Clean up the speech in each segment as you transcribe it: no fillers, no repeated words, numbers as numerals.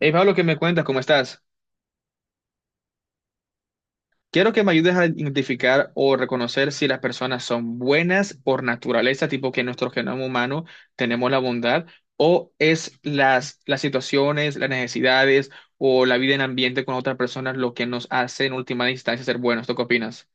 Hey Pablo, ¿qué me cuentas? ¿Cómo estás? Quiero que me ayudes a identificar o reconocer si las personas son buenas por naturaleza, tipo que en nuestro genoma humano tenemos la bondad, o es las situaciones, las necesidades o la vida en ambiente con otras personas lo que nos hace en última instancia ser buenos. ¿Tú qué opinas?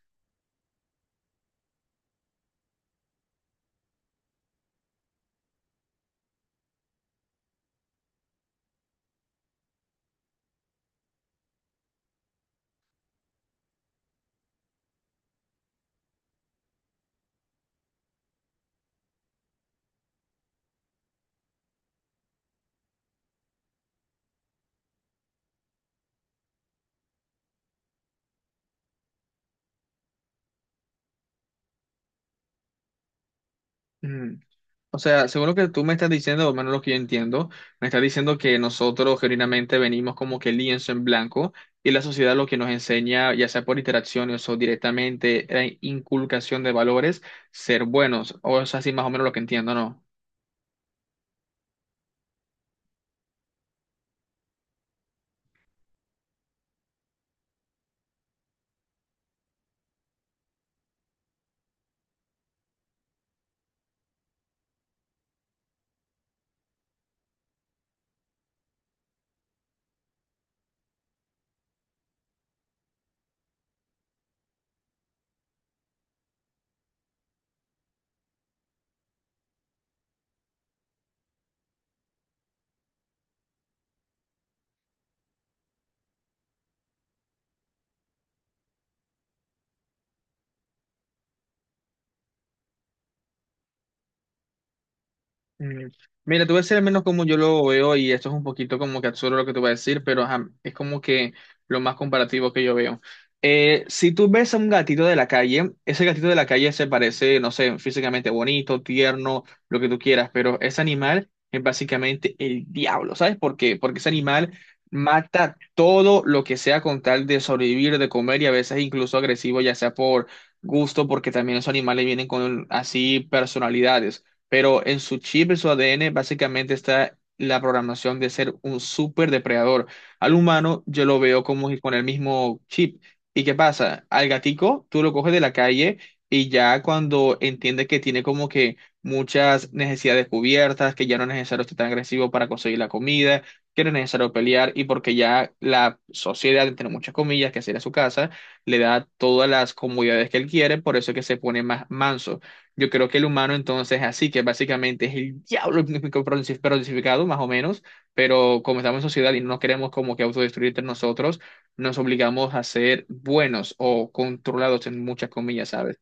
Mm. O sea, según lo que tú me estás diciendo, o menos lo que yo entiendo, me estás diciendo que nosotros genuinamente venimos como que lienzo en blanco y la sociedad lo que nos enseña, ya sea por interacciones o directamente la inculcación de valores, ser buenos. O es así más o menos lo que entiendo, ¿no? Mm, mira, te voy a decir al menos como yo lo veo y esto es un poquito como que absurdo lo que te voy a decir, pero ajá, es como que lo más comparativo que yo veo. Si tú ves a un gatito de la calle, ese gatito de la calle se parece, no sé, físicamente bonito, tierno, lo que tú quieras, pero ese animal es básicamente el diablo, ¿sabes por qué? Porque ese animal mata todo lo que sea con tal de sobrevivir, de comer y a veces incluso agresivo, ya sea por gusto, porque también esos animales vienen con así personalidades, pero en su chip, en su ADN, básicamente está la programación de ser un super depredador. Al humano yo lo veo como si con el mismo chip. ¿Y qué pasa? Al gatico tú lo coges de la calle y ya cuando entiende que tiene como que muchas necesidades cubiertas, que ya no es necesario estar tan agresivo para conseguir la comida, que no es necesario pelear y porque ya la sociedad, entre muchas comillas, que sería su casa, le da todas las comodidades que él quiere, por eso es que se pone más manso. Yo creo que el humano entonces es así, que básicamente es el diablo crucificado, más o menos, pero como estamos en sociedad y no nos queremos como que autodestruir entre nosotros, nos obligamos a ser buenos o controlados en muchas comillas, ¿sabes?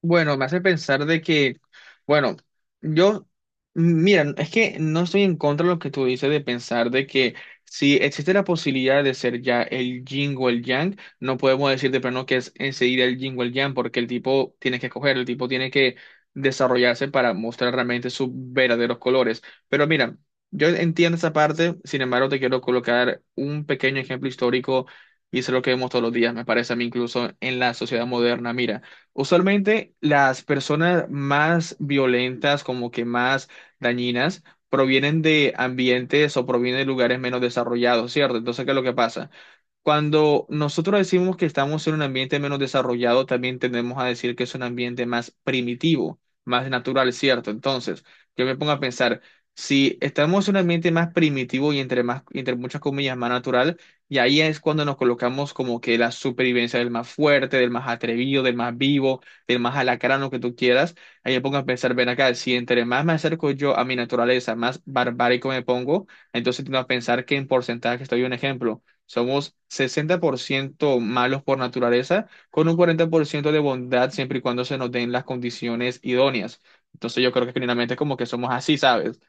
Bueno, me hace pensar de que, bueno, yo, mira, es que no estoy en contra de lo que tú dices de pensar de que si existe la posibilidad de ser ya el yin o el yang, no podemos decir de plano que es enseguida el yin o el yang, porque el tipo tiene que escoger, el tipo tiene que desarrollarse para mostrar realmente sus verdaderos colores. Pero mira, yo entiendo esa parte, sin embargo, te quiero colocar un pequeño ejemplo histórico y eso es lo que vemos todos los días, me parece a mí incluso en la sociedad moderna. Mira. Usualmente las personas más violentas, como que más dañinas, provienen de ambientes o provienen de lugares menos desarrollados, ¿cierto? Entonces, ¿qué es lo que pasa? Cuando nosotros decimos que estamos en un ambiente menos desarrollado, también tendemos a decir que es un ambiente más primitivo, más natural, ¿cierto? Entonces, yo me pongo a pensar, si estamos en un ambiente más primitivo y entre más, entre muchas comillas, más natural, y ahí es cuando nos colocamos como que la supervivencia del más fuerte, del más atrevido, del más vivo, del más alacrán, lo que tú quieras, ahí me pongo a pensar, ven acá, si entre más me acerco yo a mi naturaleza, más barbárico me pongo, entonces tengo a pensar que en porcentaje estoy un ejemplo somos 60% malos por naturaleza, con un 40% de bondad siempre y cuando se nos den las condiciones idóneas. Entonces yo creo que generalmente como que somos así, ¿sabes?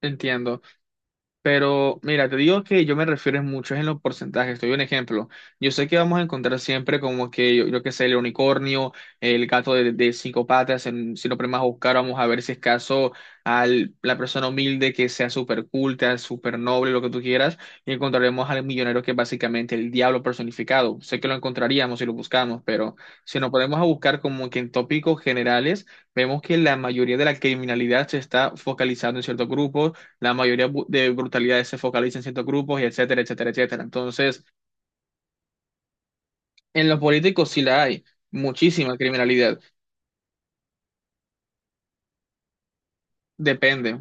Entiendo. Pero mira, te digo que yo me refiero es mucho es en los porcentajes. Te doy un ejemplo. Yo sé que vamos a encontrar siempre como que, yo qué sé, el unicornio, el gato de cinco patas. Si lo ponemos a buscar, vamos a ver si es caso a la persona humilde que sea súper culta, súper noble, lo que tú quieras. Y encontraremos al millonero que es básicamente el diablo personificado. Sé que lo encontraríamos si lo buscamos, pero si nos ponemos a buscar como que en tópicos generales, vemos que la mayoría de la criminalidad se está focalizando en ciertos grupos, la mayoría de brutalidades se focalizan en ciertos grupos y etcétera, etcétera, etcétera. Entonces, en los políticos sí la hay, muchísima criminalidad. Depende.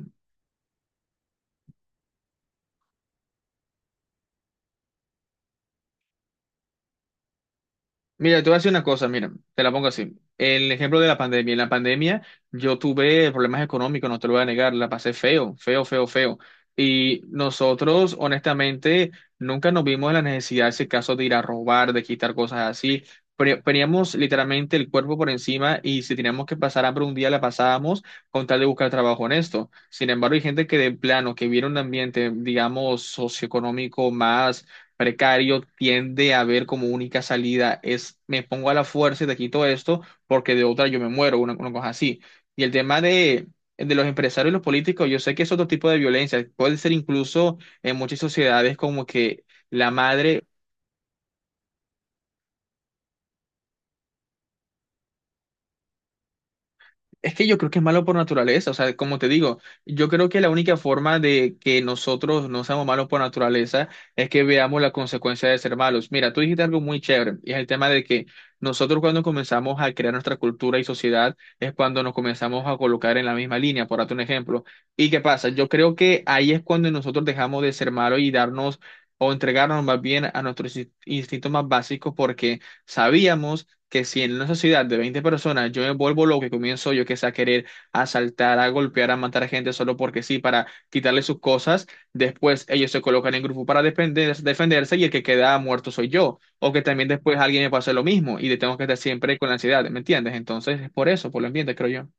Mira, te voy a decir una cosa, mira, te la pongo así. El ejemplo de la pandemia. En la pandemia yo tuve problemas económicos, no te lo voy a negar, la pasé feo, feo, feo, feo. Y nosotros, honestamente, nunca nos vimos en la necesidad, ese caso, de ir a robar, de quitar cosas así. Poníamos literalmente el cuerpo por encima y si teníamos que pasar hambre un día, la pasábamos con tal de buscar trabajo honesto. Sin embargo, hay gente que de plano, que viene un ambiente, digamos, socioeconómico más precario, tiende a ver como única salida es me pongo a la fuerza y te quito esto porque de otra yo me muero, una cosa así. Y el tema de los empresarios y los políticos, yo sé que es otro tipo de violencia, puede ser incluso en muchas sociedades como que la madre. Es que yo creo que es malo por naturaleza, o sea, como te digo, yo creo que la única forma de que nosotros no seamos malos por naturaleza es que veamos la consecuencia de ser malos. Mira, tú dijiste algo muy chévere, y es el tema de que nosotros cuando comenzamos a crear nuestra cultura y sociedad es cuando nos comenzamos a colocar en la misma línea, por darte un ejemplo. ¿Y qué pasa? Yo creo que ahí es cuando nosotros dejamos de ser malos y darnos... o entregarnos más bien a nuestros instintos más básicos porque sabíamos que si en una sociedad de 20 personas yo me vuelvo loco y comienzo yo que sé a querer asaltar, a golpear, a matar a gente solo porque sí, para quitarle sus cosas, después ellos se colocan en grupo para defenderse y el que queda muerto soy yo, o que también después alguien me pase lo mismo y le tengo que estar siempre con la ansiedad, ¿me entiendes? Entonces es por eso, por el ambiente, creo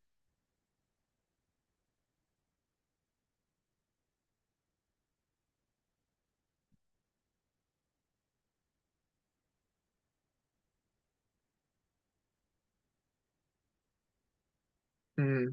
yo.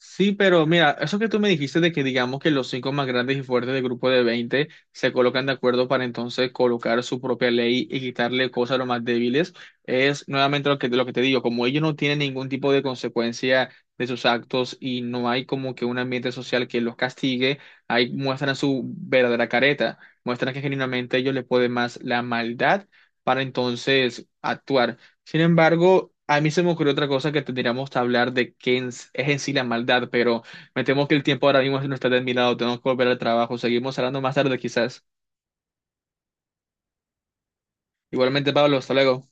Sí, pero mira, eso que tú me dijiste de que digamos que los cinco más grandes y fuertes del grupo de 20 se colocan de acuerdo para entonces colocar su propia ley y quitarle cosas a los más débiles, es nuevamente lo que te digo, como ellos no tienen ningún tipo de consecuencia de sus actos y no hay como que un ambiente social que los castigue, ahí muestran su verdadera careta, muestran que genuinamente a ellos les puede más la maldad para entonces actuar. Sin embargo, a mí se me ocurrió otra cosa que tendríamos que hablar de qué es en sí la maldad, pero me temo que el tiempo ahora mismo no está de mi lado, tengo que volver al trabajo, seguimos hablando más tarde quizás. Igualmente, Pablo, hasta luego.